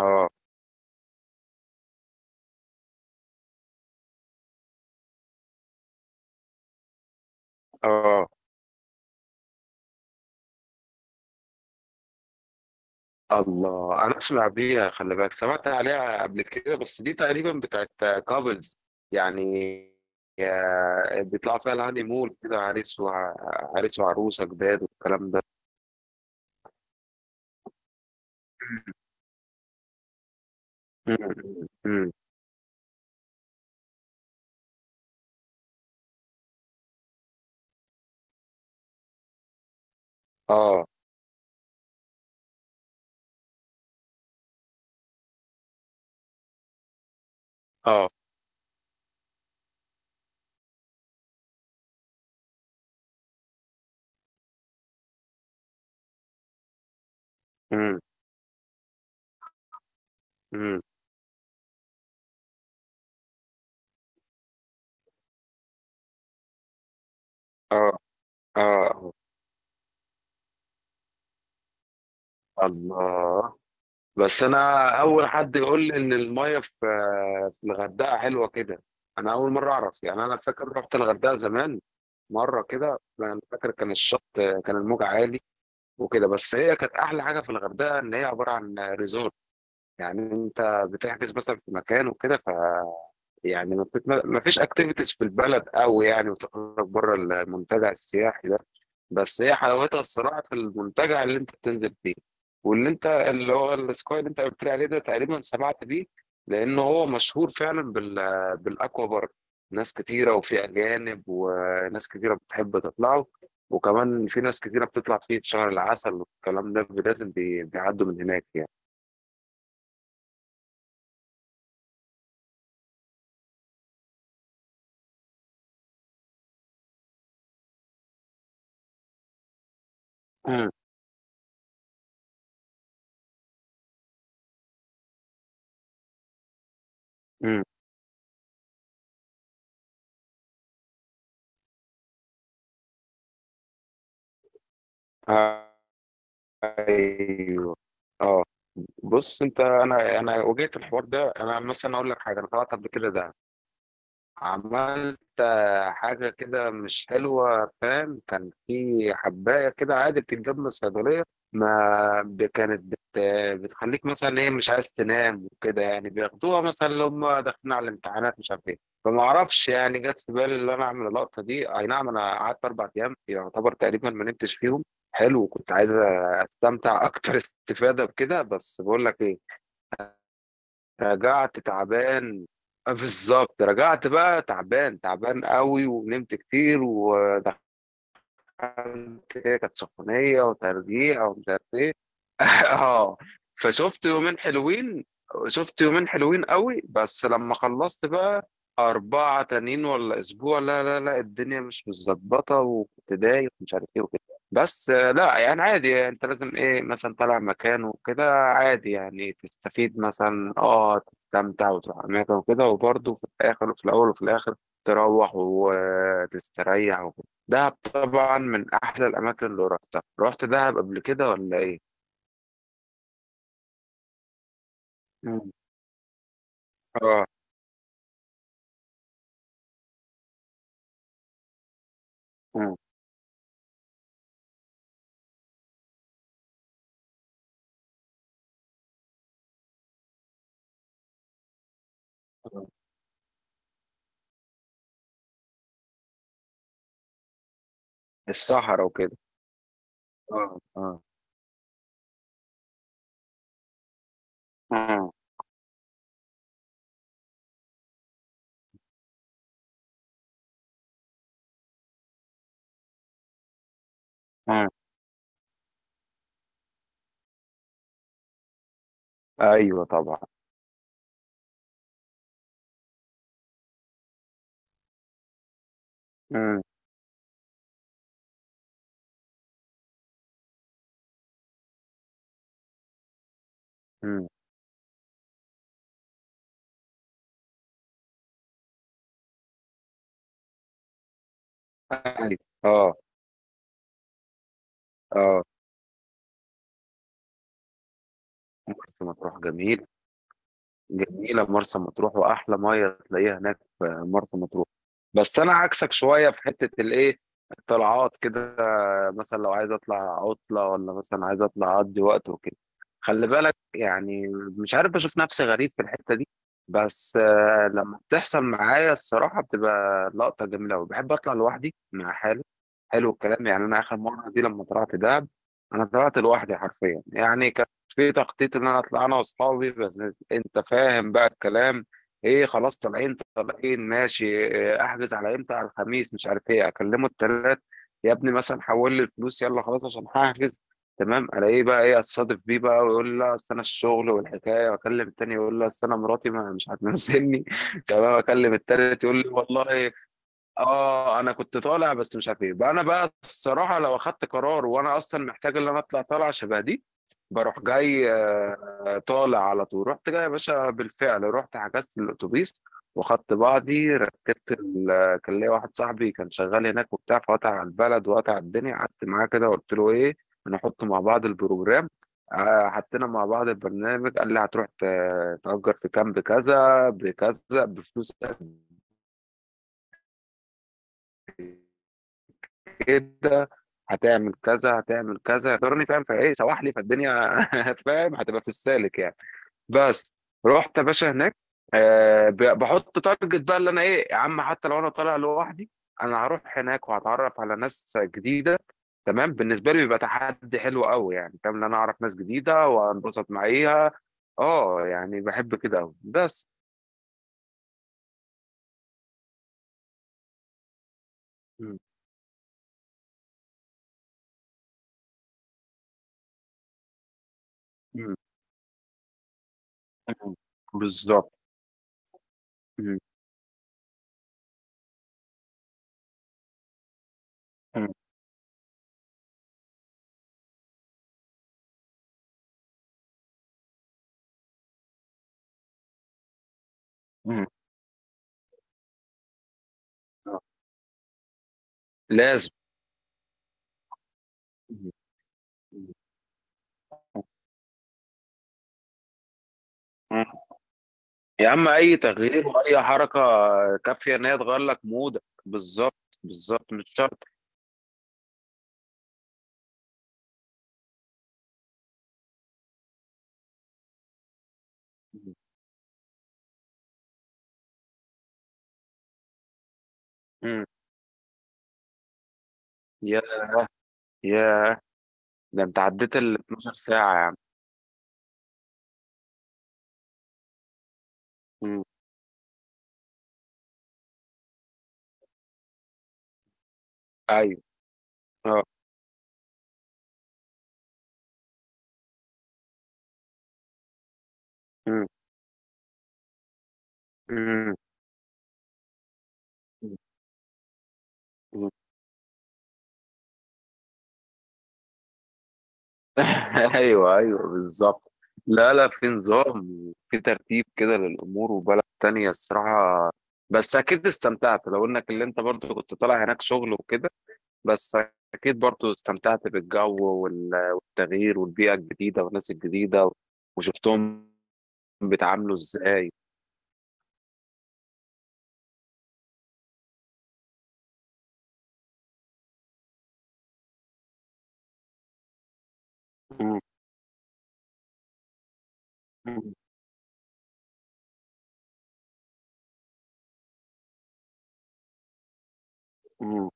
اه اه الله انا اسمع بيها. خلي بالك، سمعت عليها قبل كده، بس دي تقريبا بتاعت كابلز يعني. بيطلعوا فيها الهاني مول كده عريس وعريس وعروسه جداد والكلام ده. مم. مم. مم. اه اه مم. مم. اه اه الله، بس انا اول حد يقول لي ان الميه في الغردقه حلوه كده. انا اول مره اعرف، يعني انا فاكر رحت الغردقه زمان مره كده، انا فاكر كان الشط كان الموج عالي وكده. بس هي كانت احلى حاجه في الغردقه ان هي عباره عن ريزورت، يعني انت بتحجز مثلا في مكان وكده، يعني ما فيش اكتيفيتيز في البلد قوي يعني، وتخرج بره المنتجع السياحي ده. بس هي حلاوتها الصراحه في المنتجع اللي انت بتنزل فيه، واللي انت اللي هو السكاي اللي انت قلت لي عليه ده، تقريبا سمعت بيه، لان هو مشهور فعلا بالاكوا بارك. ناس كتيره، وفي اجانب، وناس كتيره بتحب تطلعه، وكمان في ناس كتيره بتطلع فيه في شهر العسل والكلام ده، لازم بيعدوا من هناك يعني. امم، امم، ايوه، اه. بص انت، انا واجهت الحوار ده. انا مثلا اقول لك حاجه، انا طلعت قبل كده ده، عملت حاجه كده مش حلوه، فاهم؟ كان في حبايه كده عادي بتتجاب من الصيدليه. ما ب- كانت بت بتخليك مثلا ايه، مش عايز تنام وكده، يعني بياخدوها مثلا لو هم داخلين على الامتحانات، مش عارف ايه. فما اعرفش، يعني جت في بالي ان انا اعمل اللقطه دي. اي نعم، انا قعدت اربع ايام يعتبر تقريبا ما نمتش فيهم. حلو، كنت عايز استمتع اكتر استفاده بكده، بس بقول لك ايه، رجعت تعبان. بالظبط، رجعت بقى تعبان تعبان قوي، ونمت كتير، ودخلت كده، كانت سخونية وترجيع ومش عارف ايه. اه، فشفت يومين حلوين. شفت يومين حلوين قوي، بس لما خلصت بقى أربعة تانيين ولا أسبوع، لا لا لا، الدنيا مش متظبطة، وكنت دايخ ومش عارف إيه وكده. بس لا يعني عادي، يعني أنت لازم إيه، مثلا طالع مكان وكده عادي، يعني تستفيد، مثلا أه تستمتع وتروح أماكن وكده، وبرضه في الآخر وفي الأول وفي الآخر تروح وتستريح وكده. دهب طبعا من أحلى الأماكن اللي رحتها. رحت دهب قبل كده ولا إيه؟ آه، آه، آه. الصحرا وكده. آه، آه، آه، آه. أيوه طبعًا. إمم، إمم. أيوه. آه، آه. مرسى مطروح جميلة. جميلة مرسى مطروح، وأحلى مية تلاقيها هناك في مرسى مطروح. بس أنا عكسك شوية في حتة الإيه، الطلعات كده، مثلا لو عايز أطلع عطلة، ولا مثلا عايز أطلع أقضي وقت وكده، خلي بالك يعني، مش عارف، بشوف نفسي غريب في الحتة دي. بس لما بتحصل معايا الصراحة بتبقى لقطة جميلة أوي، بحب أطلع لوحدي مع حالي. حلو الكلام، يعني أنا آخر مرة دي لما طلعت دهب، أنا طلعت لوحدي حرفيا. يعني كان في تخطيط إن أنا أطلع أنا وأصحابي، بس أنت فاهم بقى الكلام إيه. خلاص طالعين طالعين ماشي، إيه، أحجز على إمتى، على الخميس، مش عارف إيه، أكلمه التلات يا ابني، مثلا حول لي الفلوس، يلا خلاص عشان هحجز. تمام، ألاقيه بقى إيه، أتصادف بيه بقى ويقول لي لا أصل أنا الشغل والحكاية، وأكلم التاني يقول لي أصل أنا مراتي ما مش هتنزلني، تمام أكلم التالت يقول لي والله، أنا كنت طالع، بس مش عارف بقى. أنا بقى الصراحة لو أخدت قرار، وأنا أصلًا محتاج إن أنا أطلع طلعة شبه دي، باروح جاي، طالع على طول. رُحت جاي يا باشا بالفعل، رُحت حجزت الأتوبيس، وأخدت بعضي، ركبت ال آه، كان ليّا واحد صاحبي كان شغال هناك وبتاع، فقطع على البلد وقطع على الدنيا. قعدت معاه كده وقُلت له إيه، هنحط مع بعض البروجرام. حطينا مع بعض البرنامج، قال لي هتروح تأجر في كامب كذا، بكذا، بفلوس كده، هتعمل كذا، هتعمل كذا، اعذرني فاهم، فإيه سوح لي فالدنيا فاهم، هتبقى في السالك يعني. بس، رُحت يا باشا هناك، ب باحط target بقى، اللي أنا إيه، يا عم حتى لو أنا طالع لوحدي، أنا هاروح هناك وهاتعرّف على ناس جديدة. تمام، بالنسبة لي بيبقى تحدي حلو أوي يعني، فاهم، إن أنا أعرف ناس جديدة وأنبسط معاها. يعني باحب كده أوي، بس. إمم، إمم، إمم، بالضبط، إمم، إمم، إمم، آه، لازم، إمم، إمم، إمم. يا عم اي تغيير واي حركه كافيه ان هي تغير لك مودك، بالظبط. بالظبط مش شرط. مم. يا يا ده انت عديت ال 12 ساعه يا عم. مم. ايوه، اه. مم. مم. مم. ايوه ايوه بالظبط. لا لا، في نظام وفي ترتيب كده للامور، وبلد تانية الصراحه. بس اكيد استمتعت، لو انك اللي انت برضو كنت طالع هناك شغل وكده، بس أكيد برضو استمتعت بالجو والتغيير والبيئة الجديدة والناس الجديدة، وشفتهم بيتعاملوا إزاي. إمم، إمم، إمم،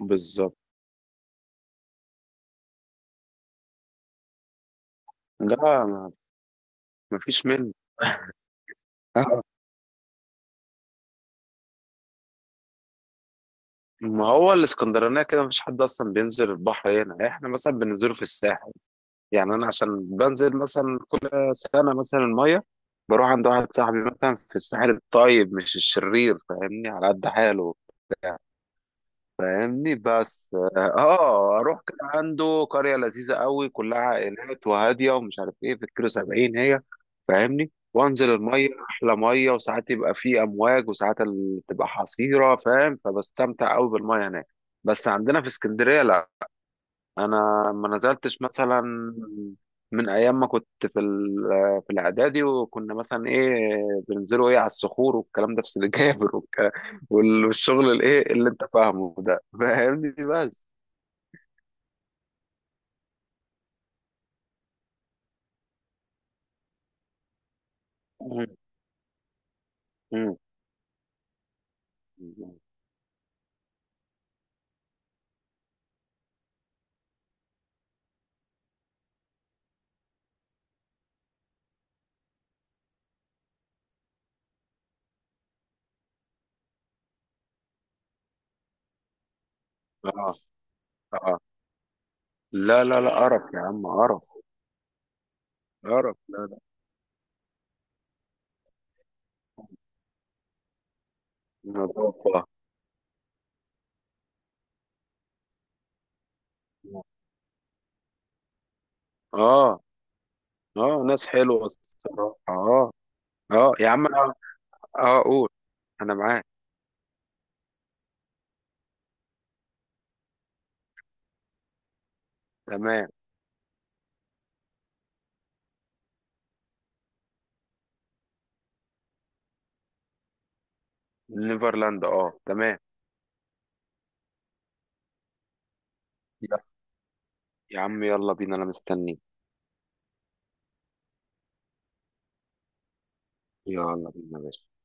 بالضبط. لأ، ما فيش منه. آه، ما هو الإسكندرانية كده ما فيش حد أصلًا بينزل البحر هنا، إحنا مثلًا بننزله في الساحل. يعني أنا عشان بانزل مثلًا كل سنة مثلًا المَيّة، باروح عند واحد صاحبي مثلًا في الساحل الطيب مش الشرير، فاهمني، على قد حاله وبتاع. فاهمني، بس اه اروح. كان عنده قريه لذيذه قوي كلها عائلات وهاديه ومش عارف ايه، في الكيلو 70 هي، فاهمني، وانزل الميه، احلى ميه، وساعات يبقى في امواج وساعات تبقى حصيره، فاهم، فبستمتع قوي بالميه هناك. بس عندنا في اسكندريه لا. انا ما نزلتش مثلا من ايام ما كنت في الاعدادي، وكنا مثلا ايه بننزلوا ايه على الصخور والكلام ده في سيدي جابر والشغل الايه اللي انت فاهمه ده، فاهمني؟ بس، مم. مم. اه، اه. لا لا لا، قرف يا عم، قرف. قرف، لا لا. نظافة، اه. اه، ناس حلوة الصراحة، اه. اه يا عم، اه. اه قول. انا معاك. تمام. نيفرلاند، اه، تمام. يا عم يلا بينا، انا مستنيك. يلا بينا يا باشا.